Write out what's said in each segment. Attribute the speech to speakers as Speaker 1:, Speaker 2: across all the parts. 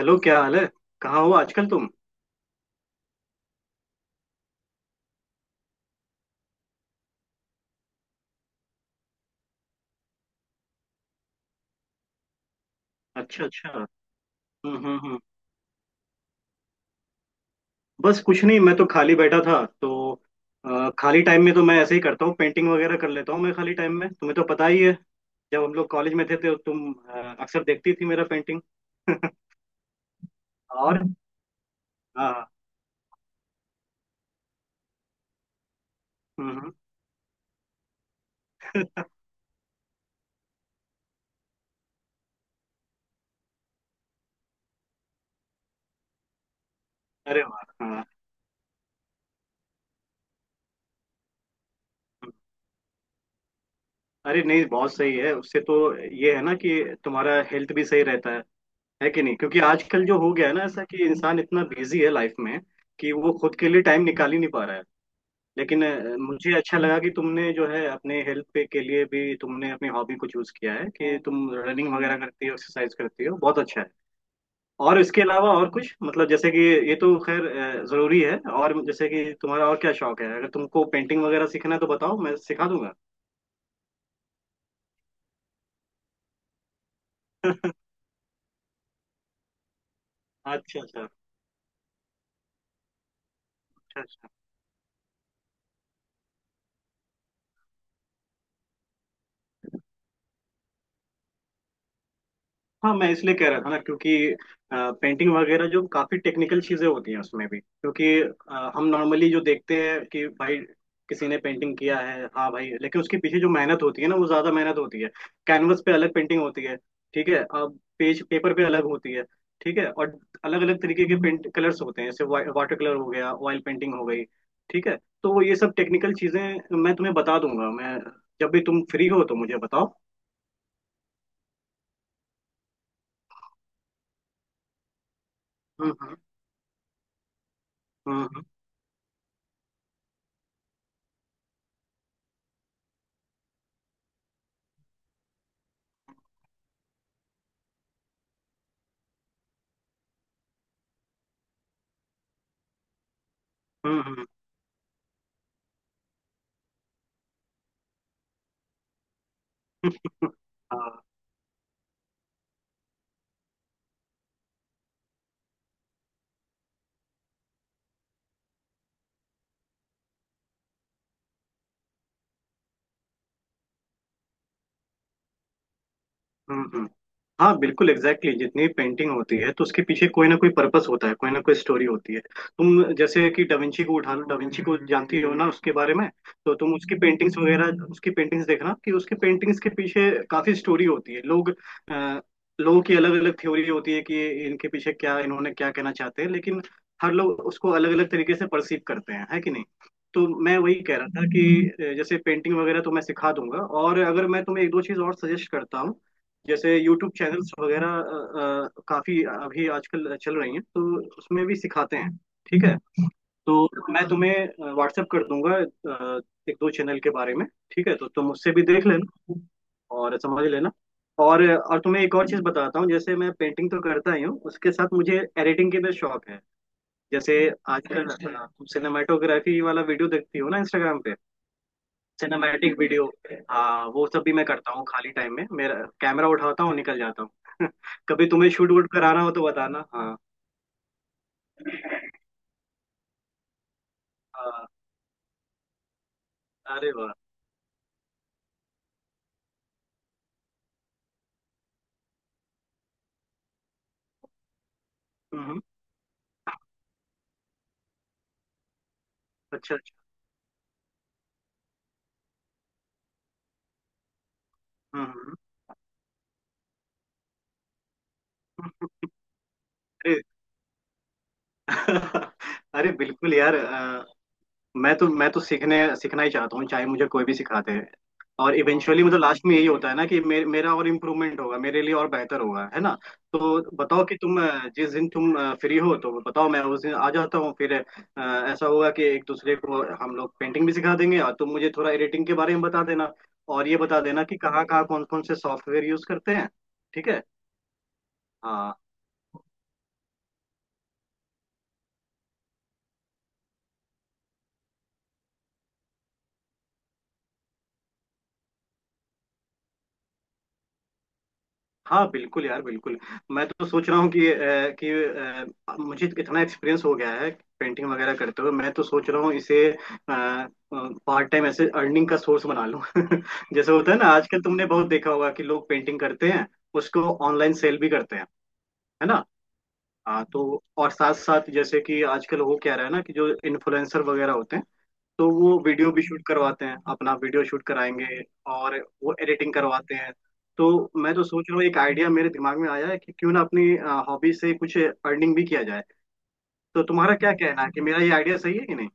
Speaker 1: Hello, क्या हाल है। कहाँ हो आजकल तुम। अच्छा अच्छा। हम्म। बस कुछ नहीं, मैं तो खाली बैठा था तो खाली टाइम में तो मैं ऐसे ही करता हूँ, पेंटिंग वगैरह कर लेता हूँ मैं खाली टाइम में, तुम्हें तो पता ही है। जब हम लोग कॉलेज में थे तो तुम अक्सर देखती थी मेरा पेंटिंग। और हाँ। हम्म हम्म, अरे वाह, हाँ। हम्म। अरे नहीं, बहुत सही है, उससे तो ये है ना कि तुम्हारा हेल्थ भी सही रहता है कि नहीं। क्योंकि आजकल जो हो गया है ना ऐसा कि इंसान इतना बिजी है लाइफ में कि वो खुद के लिए टाइम निकाल ही नहीं पा रहा है। लेकिन मुझे अच्छा लगा कि तुमने जो है अपने हेल्थ पे के लिए भी तुमने अपनी हॉबी को चूज किया है, कि तुम रनिंग वगैरह करती हो, एक्सरसाइज करती हो, बहुत अच्छा है। और इसके अलावा और कुछ मतलब, जैसे कि ये तो खैर जरूरी है। और जैसे कि तुम्हारा और क्या शौक है, अगर तुमको पेंटिंग वगैरह सीखना है तो बताओ, मैं सिखा दूंगा। अच्छा अच्छा। अच्छा, हाँ, मैं इसलिए कह रहा था ना, क्योंकि पेंटिंग वगैरह जो काफी टेक्निकल चीजें होती हैं उसमें भी, क्योंकि हम नॉर्मली जो देखते हैं कि भाई किसी ने पेंटिंग किया है, हाँ भाई, लेकिन उसके पीछे जो मेहनत होती है ना, वो ज्यादा मेहनत होती है। कैनवस पे अलग पेंटिंग होती है, ठीक है, अब पेज पेपर पे अलग होती है, ठीक है, और अलग अलग तरीके के पेंट कलर्स होते हैं, जैसे वाटर कलर हो गया, ऑयल पेंटिंग हो गई, ठीक है। तो वो ये सब टेक्निकल चीजें मैं तुम्हें बता दूंगा मैं, जब भी तुम फ्री हो तो मुझे बताओ। हम्म हम्म हम्म हम्म। हाँ। हम्म। हम्म। हाँ, बिल्कुल, एग्जैक्टली exactly। जितनी पेंटिंग होती है तो उसके पीछे कोई ना कोई पर्पस होता है, कोई ना कोई स्टोरी होती है। तुम जैसे कि डाविंची को उठा लो, डाविंची को जानती हो ना उसके बारे में। तो तुम उसकी पेंटिंग्स देखना कि उसकी पेंटिंग्स के पीछे काफी स्टोरी होती है। लोग अ, लोगों की अलग अलग थ्योरी होती है कि इनके पीछे क्या, इन्होंने क्या कहना चाहते हैं, लेकिन हर लोग उसको अलग अलग तरीके से परसीव करते हैं, है कि नहीं। तो मैं वही कह रहा था कि जैसे पेंटिंग वगैरह तो मैं सिखा दूंगा, और अगर मैं तुम्हें एक दो चीज और सजेस्ट करता हूँ, जैसे यूट्यूब चैनल्स वगैरह काफी अभी आजकल चल रही हैं, तो उसमें भी सिखाते हैं, ठीक है। तो मैं तुम्हें व्हाट्सएप कर दूंगा एक दो चैनल के बारे में, ठीक है, तो तुम उससे भी देख लेना और समझ लेना। और तुम्हें एक और चीज बताता हूँ, जैसे मैं पेंटिंग तो करता ही हूँ, उसके साथ मुझे एडिटिंग के भी शौक है। जैसे आजकल तुम सिनेमाटोग्राफी वाला वीडियो देखती हो ना इंस्टाग्राम पे, सिनेमैटिक वीडियो। हाँ वो सब भी मैं करता हूँ, खाली टाइम में मेरा कैमरा उठाता हूँ, निकल जाता हूँ। कभी तुम्हें शूट वूट कराना हो तो बताना, हाँ। हाँ, अरे वाह। हम्म। हम्म। अच्छा अच्छा। हम्म हम्म। अरे अरे बिल्कुल यार, मैं तो सीखने सीखना ही चाहता हूँ, चाहे मुझे कोई भी सिखाते हैं। और इवेंचुअली मतलब लास्ट में यही होता है ना कि मेरा और इम्प्रूवमेंट होगा, मेरे लिए और बेहतर होगा, है ना। तो बताओ कि तुम जिस दिन तुम फ्री हो तो बताओ, मैं उस दिन आ जाता हूँ फिर। ऐसा होगा कि एक दूसरे को हम लोग पेंटिंग भी सिखा देंगे और तुम मुझे थोड़ा एडिटिंग के बारे में बता देना, और ये बता देना कि कहाँ कहाँ कौन कौन से सॉफ्टवेयर यूज करते हैं, ठीक है। हाँ, हाँ बिल्कुल यार, बिल्कुल। मैं तो सोच रहा हूँ कि मुझे इतना एक्सपीरियंस हो गया है पेंटिंग वगैरह करते हुए, मैं तो सोच रहा हूँ इसे पार्ट टाइम ऐसे अर्निंग का सोर्स बना लूँ। जैसे होता है ना आजकल, तुमने बहुत देखा होगा कि लोग पेंटिंग करते हैं, उसको ऑनलाइन सेल भी करते हैं, है ना। हाँ, तो और साथ साथ जैसे कि आजकल हो क्या रहा है ना कि जो इन्फ्लुएंसर वगैरह होते हैं, तो वो वीडियो भी शूट करवाते हैं, अपना वीडियो शूट कराएंगे और वो एडिटिंग करवाते हैं। तो मैं तो सोच रहा हूँ, एक आइडिया मेरे दिमाग में आया है कि क्यों ना अपनी हॉबी से कुछ अर्निंग भी किया जाए। तो तुम्हारा क्या कहना है, कि मेरा ये आइडिया सही है कि नहीं।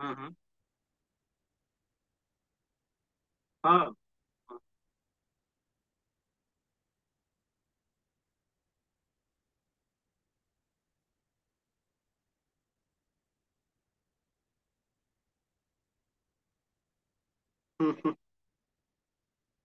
Speaker 1: हम्म। हम्म। हाँ। हम्म।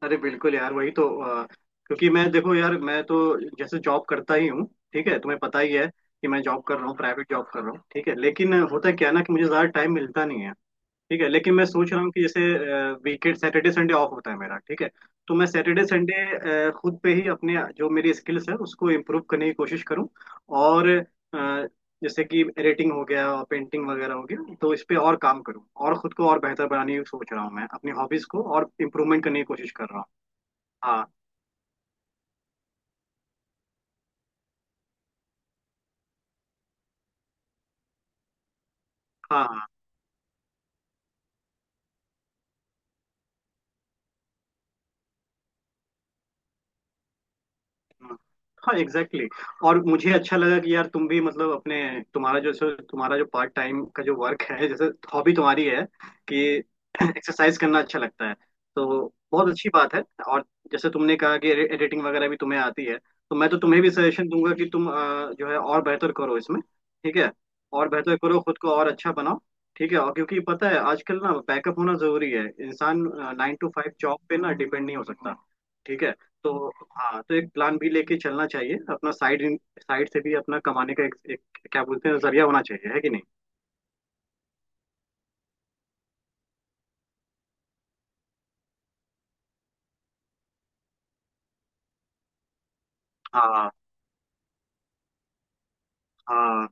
Speaker 1: अरे बिल्कुल यार, वही तो। क्योंकि मैं, देखो यार मैं तो जैसे जॉब करता ही हूँ, ठीक है, तुम्हें पता ही है कि मैं जॉब कर रहा हूँ, प्राइवेट जॉब कर रहा हूँ, ठीक है। लेकिन होता क्या है ना कि मुझे ज़्यादा टाइम मिलता नहीं है। ठीक है, लेकिन मैं सोच रहा हूँ कि जैसे वीकेंड, सैटरडे संडे ऑफ होता है मेरा, ठीक है, तो मैं सैटरडे संडे खुद पे ही अपने जो मेरी स्किल्स है उसको इम्प्रूव करने की कोशिश करूँ। और जैसे कि एडिटिंग हो गया और पेंटिंग वगैरह हो गया, तो इस पे और काम करूँ और खुद को और बेहतर बनाने की सोच रहा हूँ, मैं अपनी हॉबीज को और इम्प्रूवमेंट करने की कोशिश कर रहा हूँ। हाँ। हाँ। हाँ। हाँ, एग्जैक्टली exactly। और मुझे अच्छा लगा कि यार तुम भी मतलब अपने तुम्हारा जो तुम्हारा जो पार्ट टाइम का जो वर्क है, जैसे हॉबी तुम्हारी है कि एक्सरसाइज करना अच्छा लगता है, तो बहुत अच्छी बात है। और जैसे तुमने कहा कि एडिटिंग वगैरह भी तुम्हें आती है, तो मैं तो तुम्हें भी सजेशन दूंगा कि तुम जो है, और बेहतर करो इसमें, ठीक है, और बेहतर करो, खुद को और अच्छा बनाओ, ठीक है। और क्योंकि पता है आजकल ना बैकअप होना जरूरी है, इंसान नाइन टू फाइव जॉब पे ना डिपेंड नहीं हो सकता, ठीक है। तो हाँ, तो एक प्लान भी लेके चलना चाहिए अपना, साइड साइड से भी अपना कमाने का एक क्या बोलते हैं जरिया होना चाहिए, है कि नहीं। हाँ हाँ।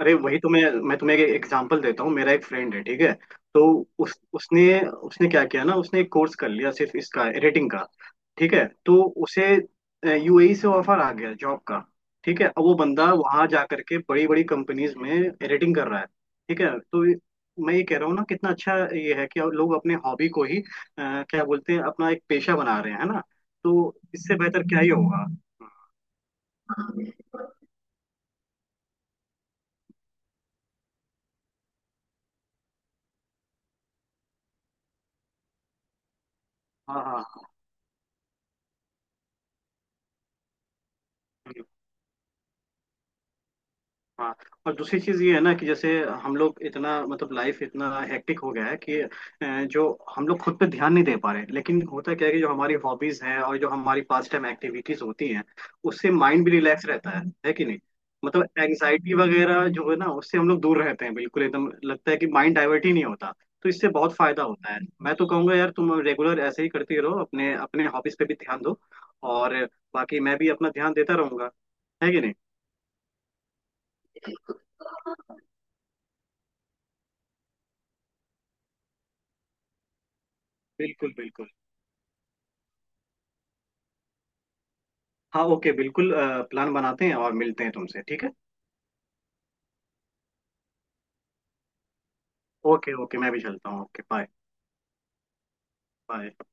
Speaker 1: अरे वही तो मैं तुम्हें एक एग्जांपल देता हूँ। मेरा एक फ्रेंड है, ठीक है, तो उस उसने उसने क्या किया ना, उसने एक कोर्स कर लिया सिर्फ इसका रेटिंग का, ठीक है। तो उसे यूएई से ऑफर आ गया जॉब का, ठीक है। अब वो बंदा वहां जा करके बड़ी बड़ी कंपनीज में एडिटिंग कर रहा है, ठीक है। तो मैं ये कह रहा हूँ ना कितना अच्छा ये है कि लोग अपने हॉबी को ही क्या बोलते हैं, अपना एक पेशा बना रहे हैं, है ना। तो इससे बेहतर क्या ही होगा। हाँ हाँ। हाँ। हाँ और दूसरी चीज ये है ना कि जैसे हम लोग इतना मतलब लाइफ इतना हेक्टिक हो गया है कि जो हम लोग खुद पे ध्यान नहीं दे पा रहे, लेकिन होता क्या है कि जो हमारी हॉबीज हैं और जो हमारी पास टाइम एक्टिविटीज होती हैं, उससे माइंड भी रिलैक्स रहता है कि नहीं। मतलब एंग्जाइटी वगैरह जो है ना उससे हम लोग दूर रहते हैं बिल्कुल, एकदम लगता है कि माइंड डाइवर्ट ही नहीं होता। तो इससे बहुत फायदा होता है, मैं तो कहूंगा यार तुम रेगुलर ऐसे ही करती रहो, अपने अपने हॉबीज पे भी ध्यान दो, और बाकी मैं भी अपना ध्यान देता रहूंगा, है कि नहीं। बिल्कुल बिल्कुल। हाँ ओके बिल्कुल, प्लान बनाते हैं और मिलते हैं तुमसे, ठीक है। ओके ओके, मैं भी चलता हूँ, ओके बाय। बाय।